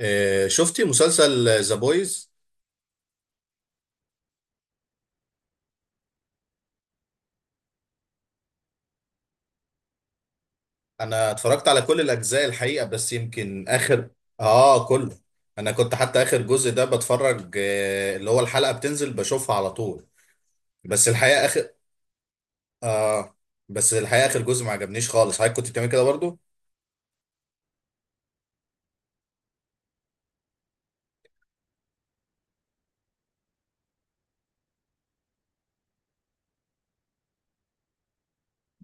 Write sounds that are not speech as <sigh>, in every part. شفتي مسلسل ذا بويز؟ انا اتفرجت على كل الاجزاء الحقيقه، بس يمكن اخر. اه، كله. انا كنت حتى اخر جزء ده بتفرج، اللي هو الحلقه بتنزل بشوفها على طول. بس الحقيقه اخر اه بس الحقيقه اخر جزء ما عجبنيش خالص. حضرتك كنت بتعمل كده برضو؟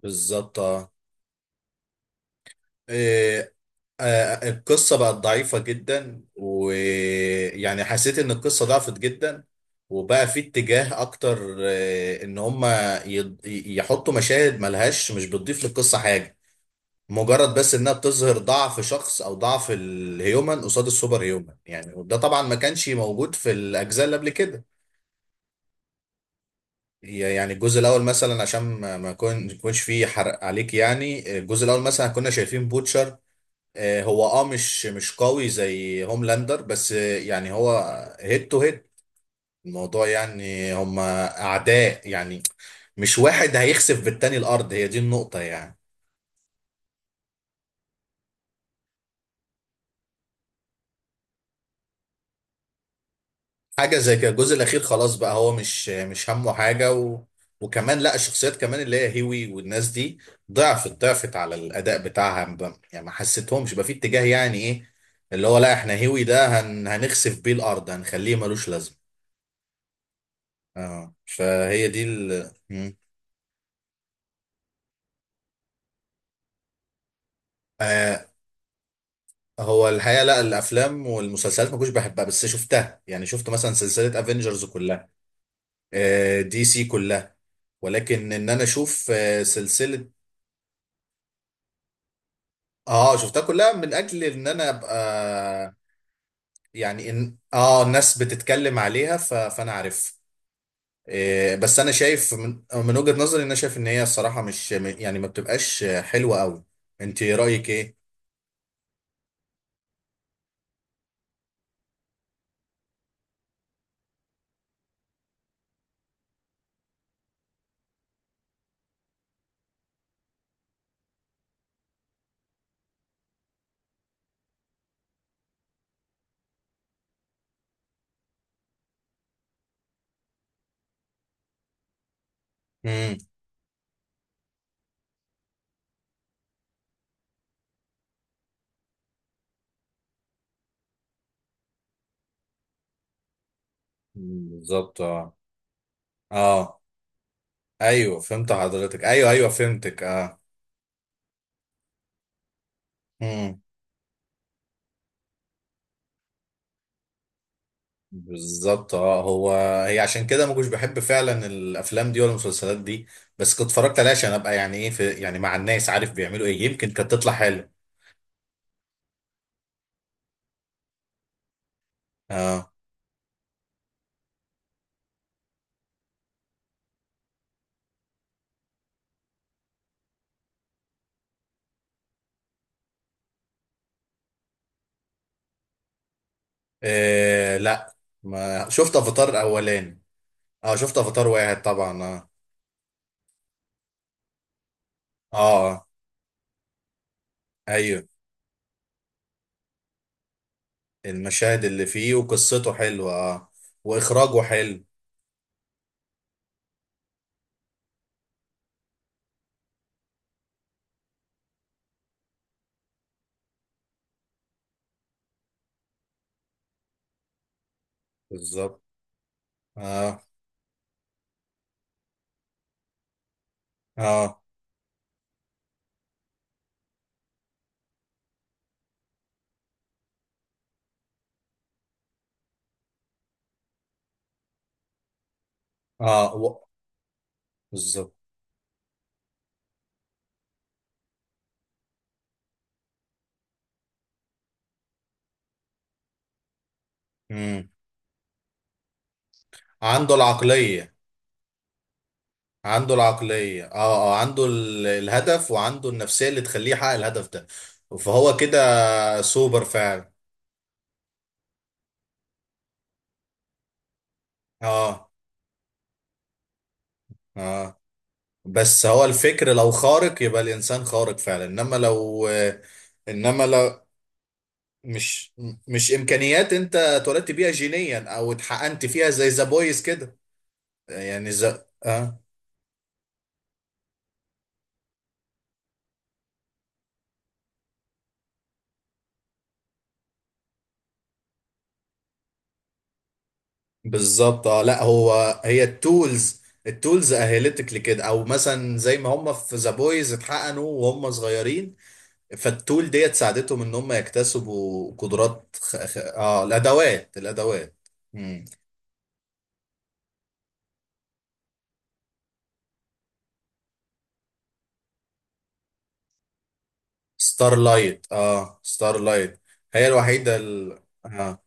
بالظبط، اه. آه، القصة بقت ضعيفة جدا، ويعني حسيت ان القصة ضعفت جدا، وبقى في اتجاه اكتر، ان هما يحطوا مشاهد ملهاش، مش بتضيف للقصة حاجة. مجرد بس انها بتظهر ضعف شخص او ضعف الهيومن قصاد السوبر هيومن يعني، وده طبعا ما كانش موجود في الاجزاء اللي قبل كده. يعني الجزء الاول مثلا، عشان ما ما يكونش فيه حرق عليك يعني، الجزء الاول مثلا كنا شايفين بوتشر، هو مش قوي زي هوملاندر، بس يعني هو هيد تو هيد. الموضوع يعني هما اعداء يعني، مش واحد هيخسف بالتاني الارض، هي دي النقطة يعني. حاجة زي كده. الجزء الاخير خلاص بقى هو مش همه حاجة. و... وكمان لا، الشخصيات كمان اللي هي هيوي والناس دي ضعفت على الاداء بتاعها، يعني ما حسيتهمش بقى في اتجاه، يعني ايه، اللي هو لا احنا هيوي ده هنخسف بيه الارض، هنخليه ملوش لازمة. اه، فهي دي مم. آه، هو الحقيقه لا، الافلام والمسلسلات ما كنتش بحبها، بس شفتها، يعني شفت مثلا سلسله افنجرز كلها، دي سي كلها. ولكن ان انا اشوف سلسله، اه، شفتها كلها من اجل ان انا ابقى يعني ان الناس بتتكلم عليها، فانا عارف. بس انا شايف من وجهه نظري، ان انا شايف ان هي الصراحه مش يعني، ما بتبقاش حلوه قوي. انت رايك ايه؟ امم. بالظبط، اه. اه، ايوه فهمت حضرتك، ايوه ايوه فهمتك اه. مم. بالظبط، اه. هو هي عشان كده ما كنتش بحب فعلا الافلام دي ولا المسلسلات دي، بس كنت اتفرجت عليها عشان ابقى يعني ايه، في يعني مع الناس، عارف بيعملوا ايه، يمكن كانت تطلع حلو. اه. إيه، لا ما شفت افاتار اولاني. اه، شفت افاتار واحد طبعا، اه. اه، آه. ايوه، المشاهد اللي فيه وقصته حلوه اه، واخراجه حلو. بالظبط، اه. اه اه و- بالظبط. امم. عنده العقليه. عنده العقلية، اه. اه، عنده الهدف، وعنده النفسية اللي تخليه يحقق الهدف ده، فهو كده سوبر فعلا. اه، اه، بس هو الفكر، لو خارق يبقى الإنسان خارق فعلا، انما لو مش مش إمكانيات انت اتولدت بيها جينيا او اتحقنت فيها زي ذا بويز كده. يعني ذا اه. بالظبط، اه. لا، هو هي التولز اهلتك لكده، او مثلا زي ما هم في ذا بويز اتحقنوا وهم صغيرين، فالتول ديت ساعدتهم ان هم يكتسبوا قدرات، خ... خ... اه الادوات، الادوات. مم. ستار لايت، اه ستار لايت. هي الوحيده آه.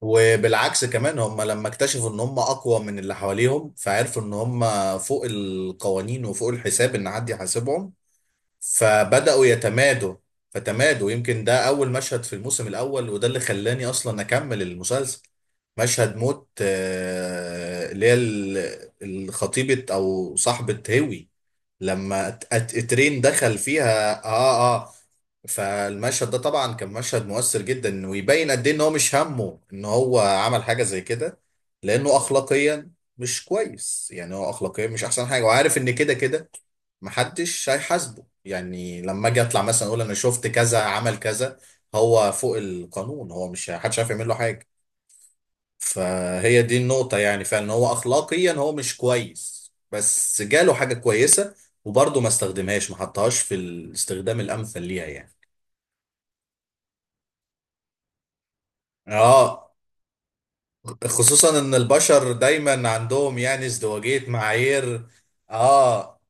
وبالعكس كمان، هم لما اكتشفوا ان هم اقوى من اللي حواليهم، فعرفوا ان هم فوق القوانين وفوق الحساب، ان حد يحاسبهم، فبدأوا يتمادوا، فتمادوا. يمكن ده أول مشهد في الموسم الأول، وده اللي خلاني أصلا أكمل المسلسل، مشهد موت اللي هي الخطيبة أو صاحبة هوي، لما ترين دخل فيها. اه، اه. فالمشهد ده طبعا كان مشهد مؤثر جدا، ويبين قد ايه ان هو مش همه ان هو عمل حاجه زي كده، لانه اخلاقيا مش كويس. يعني هو اخلاقيا مش احسن حاجه، وعارف ان كده كده محدش هيحاسبه، يعني لما اجي اطلع مثلا اقول انا شفت كذا عمل كذا، هو فوق القانون، هو مش، محدش عارف يعمل له حاجه. فهي دي النقطة يعني، فعلا هو أخلاقيا هو مش كويس، بس جاله حاجة كويسة وبرضه ما استخدمهاش، ما حطهاش في الاستخدام الأمثل ليها يعني. اه، خصوصا إن البشر دايما عندهم يعني ازدواجية معايير. اه،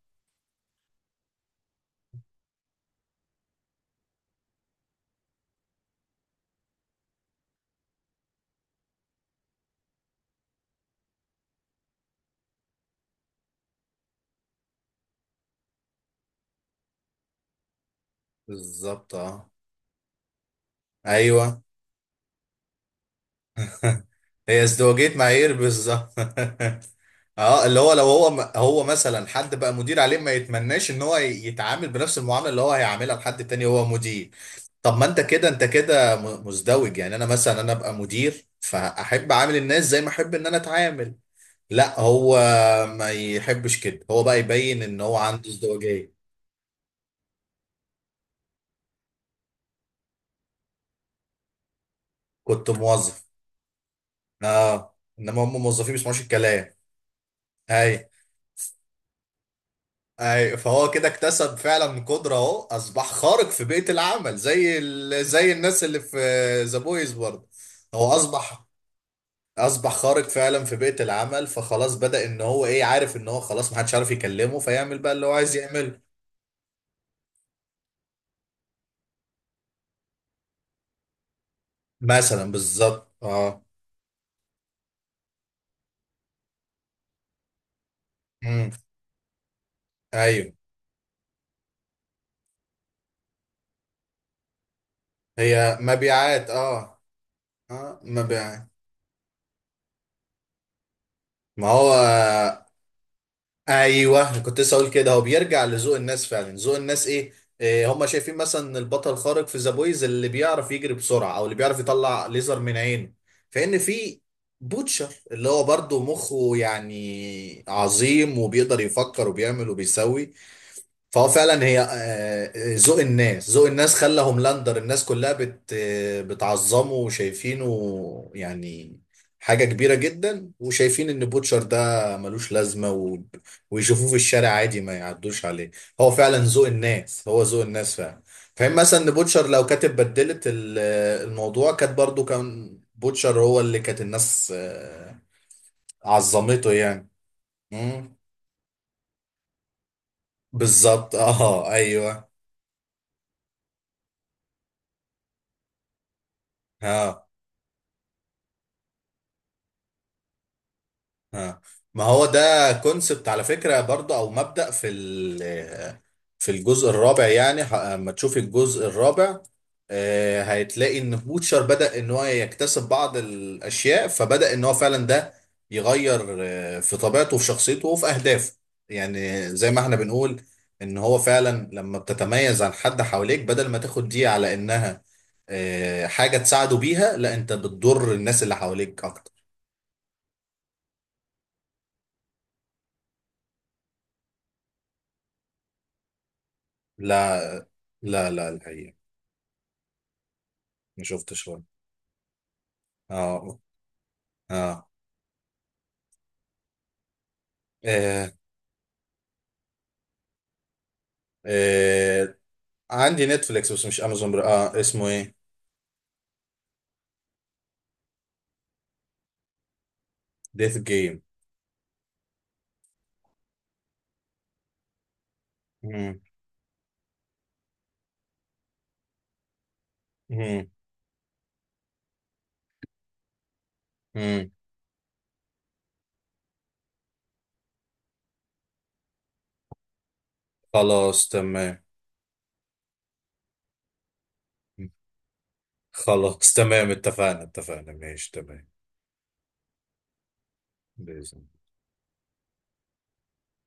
بالظبط، اه، ايوه. هي ازدواجية معايير، بالظبط. <laughs> اه، اللي هو لو هو مثلا حد بقى مدير عليه، ما يتمناش ان هو يتعامل بنفس المعاملة اللي هو هيعاملها لحد تاني هو مدير. طب ما انت كده مزدوج. يعني انا مثلا، انا ابقى مدير، فاحب اعامل الناس زي ما احب ان انا اتعامل. لا، هو ما يحبش كده، هو بقى يبين ان هو عنده ازدواجية. كنت موظف. اه، انما هم موظفين ما بيسمعوش الكلام. اي، اي، فهو كده اكتسب فعلا قدرة، اهو اصبح خارق في بيئة العمل، زي زي الناس اللي في ذا بويز برضه. هو اصبح اصبح خارق فعلا في بيئة العمل، فخلاص بدأ ان هو ايه، عارف ان هو خلاص محدش عارف يكلمه، فيعمل بقى اللي هو عايز يعمله. مثلا، بالظبط، اه. امم. ايوه. هي مبيعات، اه. اه، مبيعات. ما هو، ايوه كنت لسه اقول كده، هو بيرجع لذوق الناس فعلا، ذوق الناس ايه، إيه هم شايفين مثلا البطل الخارق في ذا بويز اللي بيعرف يجري بسرعه، او اللي بيعرف يطلع ليزر من عينه، فان في بوتشر اللي هو برضه مخه يعني عظيم، وبيقدر يفكر وبيعمل وبيسوي. فهو فعلا، هي ذوق الناس، خلى هوملاندر الناس كلها بت آه، بتعظمه وشايفينه يعني حاجة كبيرة جدا، وشايفين ان بوتشر ده ملوش لازمة، و... ويشوفوه في الشارع عادي ما يعدوش عليه. هو فعلا ذوق الناس، هو ذوق الناس فعلا. فاهم مثلا ان بوتشر لو كانت بدلت الموضوع، كانت برضو كان بوتشر هو اللي كانت الناس عظمته يعني. مم. بالظبط، اه، ايوه. اه، آه. ما هو ده كونسبت على فكرة برضه، او مبدأ في في الجزء الرابع. يعني اما تشوفي الجزء الرابع، هتلاقي ان بوتشر بدأ ان هو يكتسب بعض الاشياء، فبدأ ان هو فعلا ده يغير في طبيعته وفي شخصيته وفي اهدافه. يعني زي ما احنا بنقول، ان هو فعلا لما بتتميز عن حد حواليك، بدل ما تاخد دي على انها حاجة تساعده بيها، لا، انت بتضر الناس اللي حواليك اكتر. لا، لا لا، الحقيقة ما شفتش ولا، اه، اه، آه. آه. عندي نتفليكس، بس مش امازون بر... اه اسمه ايه؟ ديث جيم. مم. مم. مم. خلاص تمام. خلاص تمام، اتفقنا اتفقنا، ماشي تمام. بإذن.